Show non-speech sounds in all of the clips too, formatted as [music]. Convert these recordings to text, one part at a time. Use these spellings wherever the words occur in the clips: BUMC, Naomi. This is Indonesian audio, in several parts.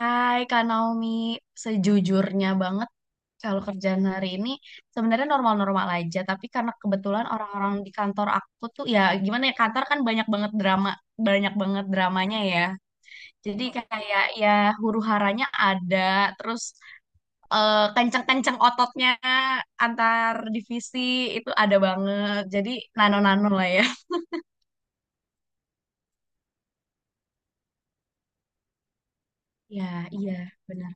Hai Kak Naomi, sejujurnya banget kalau kerjaan hari ini sebenarnya normal-normal aja, tapi karena kebetulan orang-orang di kantor aku tuh ya gimana ya, kantor kan banyak banget drama, banyak banget dramanya ya. Jadi kayak ya huru-haranya ada, terus kenceng-kenceng ototnya antar divisi itu ada banget. Jadi nano-nano lah ya. Ya, iya, benar.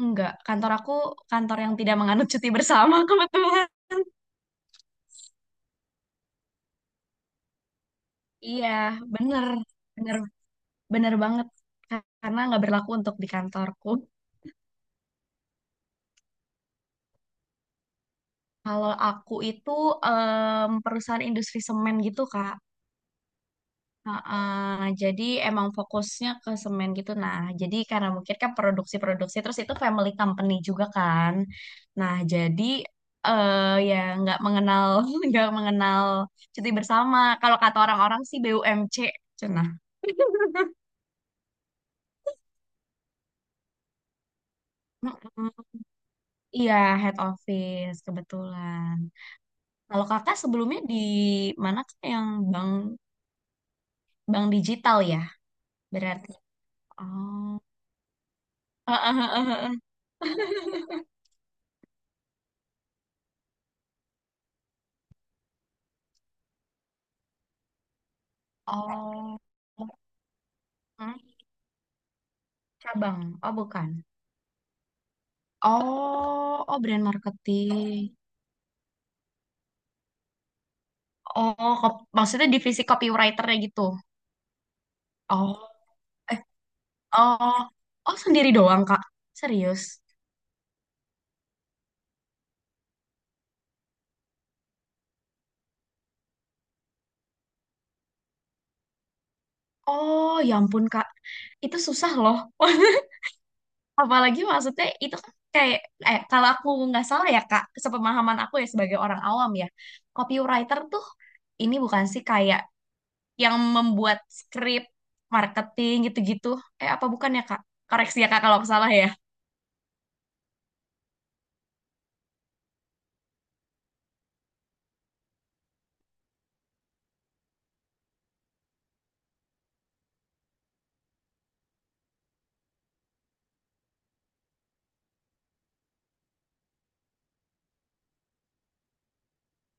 Enggak, kantor aku kantor yang tidak menganut cuti bersama [laughs] kebetulan. Iya, bener, bener, bener banget. Karena nggak berlaku untuk di kantorku. Kalau aku itu perusahaan industri semen gitu, Kak. Heeh, jadi emang fokusnya ke semen gitu. Nah, jadi karena mungkin kan produksi-produksi, terus itu family company juga kan. Nah, jadi ya nggak mengenal, [laughs] nggak mengenal cuti bersama. Kalau kata orang-orang sih BUMC, cenah. [laughs] Mm-mm. Iya, head office kebetulan. Kalau kakak sebelumnya di mana tuh yang bank bank digital ya? Berarti. Oh. [laughs] Oh. Hmm, cabang. Oh, bukan. Oh, oh brand marketing. Oh, kop- maksudnya divisi copywriter gitu. Oh. Eh, oh. Oh, sendiri doang, Kak. Serius. Oh, ya ampun, Kak. Itu susah loh. [laughs] Apalagi maksudnya itu kan kayak kalau aku nggak salah ya Kak, sepemahaman aku ya sebagai orang awam ya, copywriter tuh ini bukan sih kayak yang membuat skrip, marketing gitu-gitu. Eh apa bukan ya Kak? Koreksi ya Kak kalau aku salah ya.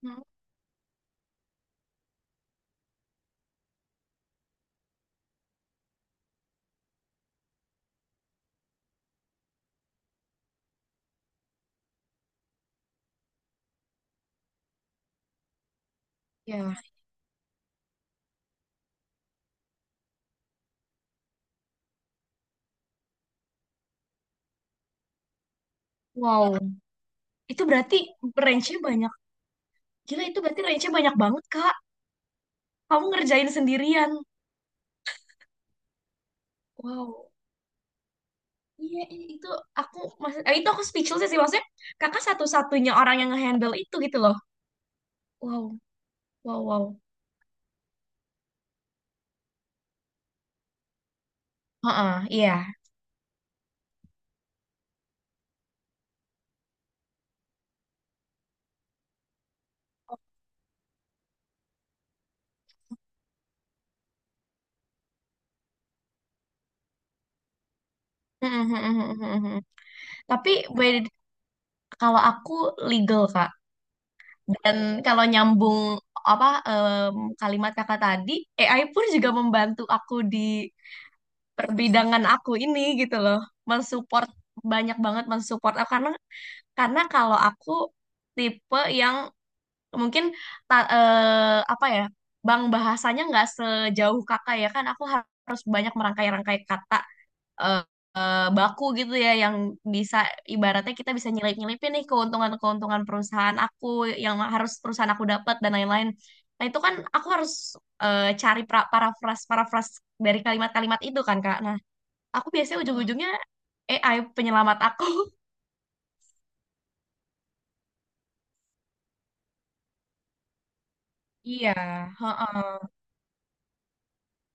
Hmm, ya. Wow. Itu berarti range-nya banyak. Gila itu berarti range-nya banyak banget Kak. Kamu ngerjain sendirian. Wow. Iya, iya, itu aku maksud, itu aku speechless sih maksudnya kakak satu-satunya orang yang ngehandle itu gitu loh. Wow, wow, wow. Heeh, iya. Mhm, mhm, mhm, mhm, mhm. Tapi by kalau aku legal Kak. Dan kalau nyambung apa kalimat Kakak tadi, AI pun juga membantu aku di perbidangan aku ini gitu loh. Mensupport banyak banget mensupport aku karena kalau aku tipe yang mungkin apa ya, bang bahasanya nggak sejauh Kakak ya kan aku harus banyak merangkai-rangkai kata eh, baku gitu ya yang bisa ibaratnya kita bisa nyelip-nyelipin nih keuntungan-keuntungan perusahaan aku yang harus perusahaan aku dapat dan lain-lain. Nah, itu kan aku harus cari parafras-parafras dari kalimat-kalimat itu kan, Kak. Nah, aku biasanya ujung-ujungnya AI penyelamat aku. [laughs] Iya, heeh.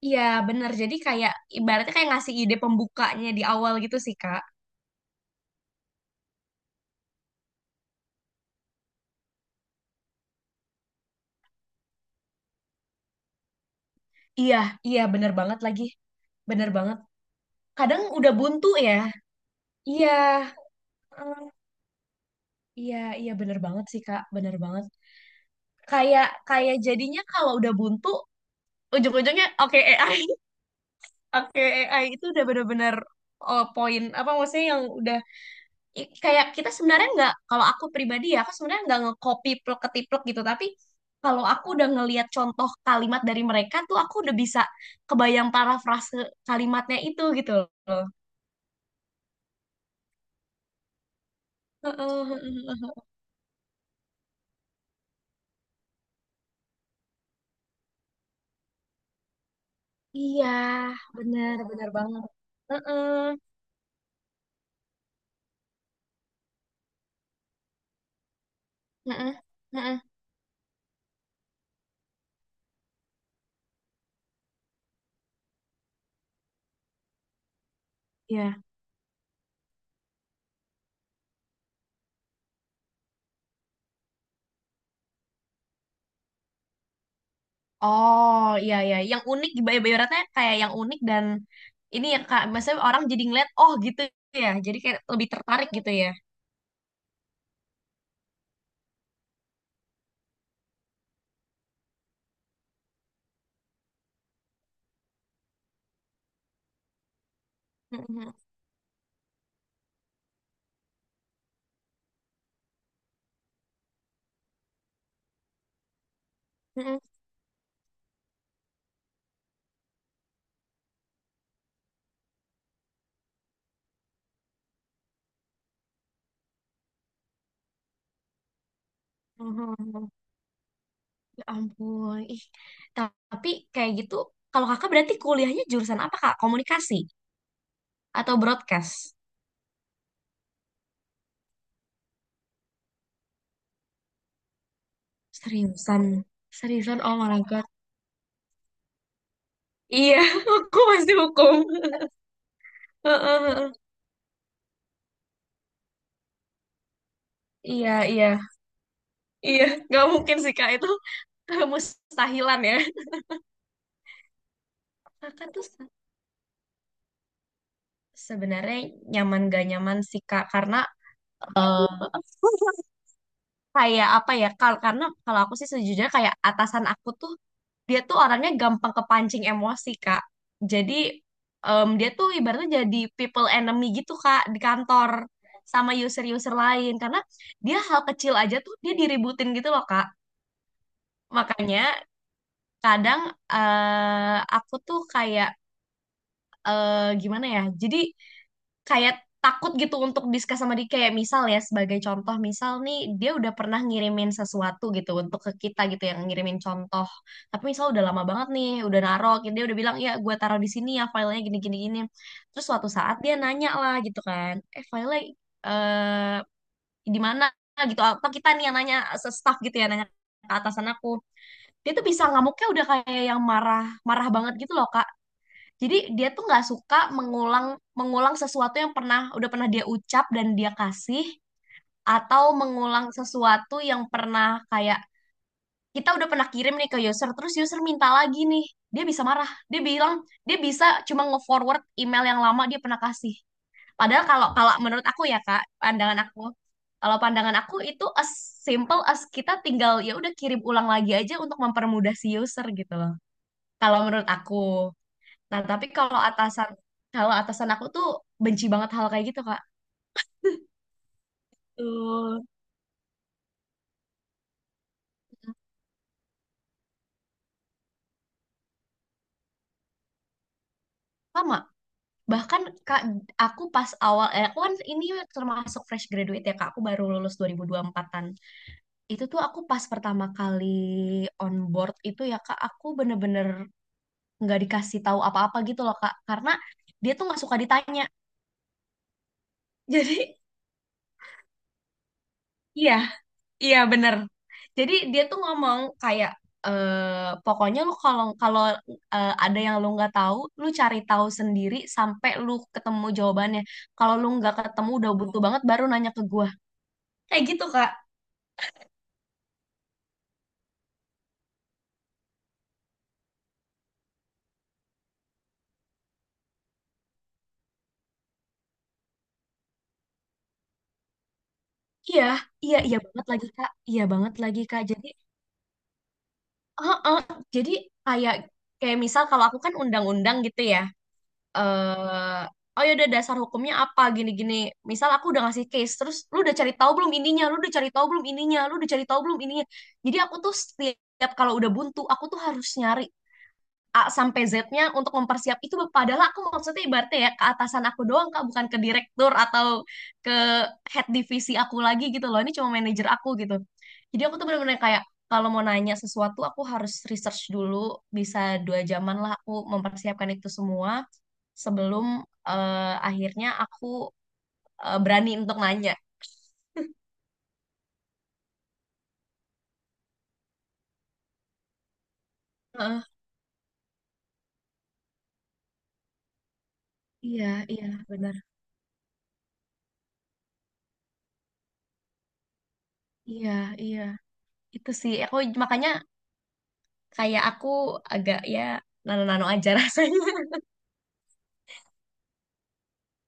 Iya, bener. Jadi kayak ibaratnya kayak ngasih ide pembukanya di awal gitu sih, Kak. Iya, iya bener banget lagi. Bener banget. Kadang udah buntu ya. Iya. Iya, iya bener banget sih Kak, bener banget. Kayak kayak jadinya kalau udah buntu, ujung-ujungnya oke AI, [laughs] oke AI itu udah bener-bener poin apa maksudnya yang udah kayak kita sebenarnya nggak kalau aku pribadi ya aku sebenarnya nggak nge-copy plek-ketiplek gitu tapi kalau aku udah ngelihat contoh kalimat dari mereka tuh aku udah bisa kebayang parafrase kalimatnya itu gitu loh. Heeh, heeh, heeh. Iya, bener bener banget. Heeh, heeh, heeh. Ya. Oh iya iya, yang unik di Bayu Bayu kayak yang unik dan ini ya kak, maksudnya orang jadi ngeliat oh gitu ya, jadi kayak lebih tertarik gitu ya. Mhm. Mhm. Mhm. Ya ampun, ih tapi kayak gitu kalau kakak berarti kuliahnya jurusan apa kak? Komunikasi atau broadcast? Seriusan, seriusan oh my god. Iya, [laughs] aku pasti hukum. Heeh, heeh. Iya, iya, iya. Nggak mungkin sih, Kak. Itu [laughs] mustahilan ya. Kakak tuh sebenarnya nyaman gak nyaman sih Kak karena eh, [laughs] kayak apa ya karena kalau aku sih sejujurnya kayak atasan aku tuh dia tuh orangnya gampang kepancing emosi Kak. Jadi dia tuh ibaratnya jadi people enemy gitu Kak di kantor sama user-user lain karena dia hal kecil aja tuh dia diributin gitu loh Kak. Makanya kadang aku tuh kayak gimana ya? Jadi kayak takut gitu untuk discuss sama dia kayak misal ya sebagai contoh misal nih dia udah pernah ngirimin sesuatu gitu untuk ke kita gitu yang ngirimin contoh tapi misal udah lama banget nih udah naruh dia udah bilang ya gue taruh di sini ya filenya gini gini gini terus suatu saat dia nanya lah gitu kan eh filenya eh di mana gitu atau kita nih yang nanya staff gitu ya nanya ke atasan aku dia tuh bisa ngamuknya udah kayak yang marah marah banget gitu loh kak jadi dia tuh nggak suka mengulang mengulang sesuatu yang udah pernah dia ucap dan dia kasih atau mengulang sesuatu yang pernah kayak kita udah pernah kirim nih ke user terus user minta lagi nih. Dia bisa marah. Dia bilang dia bisa cuma nge-forward email yang lama dia pernah kasih. Padahal kalau kalau menurut aku ya Kak, pandangan aku, kalau pandangan aku itu as simple as kita tinggal ya udah kirim ulang lagi aja untuk mempermudah si user gitu loh. Kalau menurut aku. Nah, tapi kalau atasan aku tuh benci banget hal kayak gitu, Kak. Betul. Sama. Bahkan Kak, aku pas awal aku kan ini termasuk fresh graduate ya, Kak. Aku baru lulus 2024-an. Itu tuh aku pas pertama kali on board itu ya, Kak, aku bener-bener nggak dikasih tahu apa-apa gitu loh, Kak. Karena dia tuh nggak suka ditanya. [laughs] Jadi iya, iya bener. Jadi dia tuh ngomong kayak eh pokoknya lu kalau kalau ada yang lu nggak tahu, lu cari tahu sendiri sampai lu ketemu jawabannya. Kalau lu nggak ketemu udah butuh banget baru nanya ke gua. Kayak gitu Kak. Iya, iya, iya banget lagi Kak. Iya banget lagi Kak. Jadi, heeh, jadi kayak kayak misal kalau aku kan undang-undang gitu ya. eh oh ya udah dasar hukumnya apa gini-gini. Misal aku udah ngasih case, terus lu udah cari tahu belum ininya, lu udah cari tahu belum ininya, lu udah cari tahu belum ininya. Jadi aku tuh setiap kalau udah buntu, aku tuh harus nyari A sampai Z-nya untuk mempersiap itu padahal aku maksudnya ibaratnya ya ke atasan aku doang Kak bukan ke direktur atau ke head divisi aku lagi gitu loh ini cuma manajer aku gitu jadi aku tuh bener-bener kayak kalau mau nanya sesuatu aku harus research dulu bisa 2 jaman lah aku mempersiapkan itu semua sebelum akhirnya aku berani untuk nanya. Heeh, iya, iya, benar. Iya, iya. Itu sih, aku makanya kayak aku agak ya nano-nano aja [laughs] rasanya.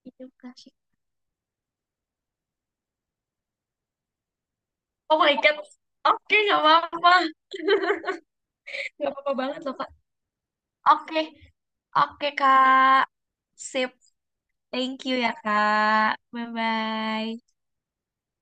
Iya, Kak. Oh my God. Oke, nggak apa-apa. Nggak apa-apa banget loh, Kak. Oke, oke, Kak. Sip. Thank you ya, Kak. Bye-bye.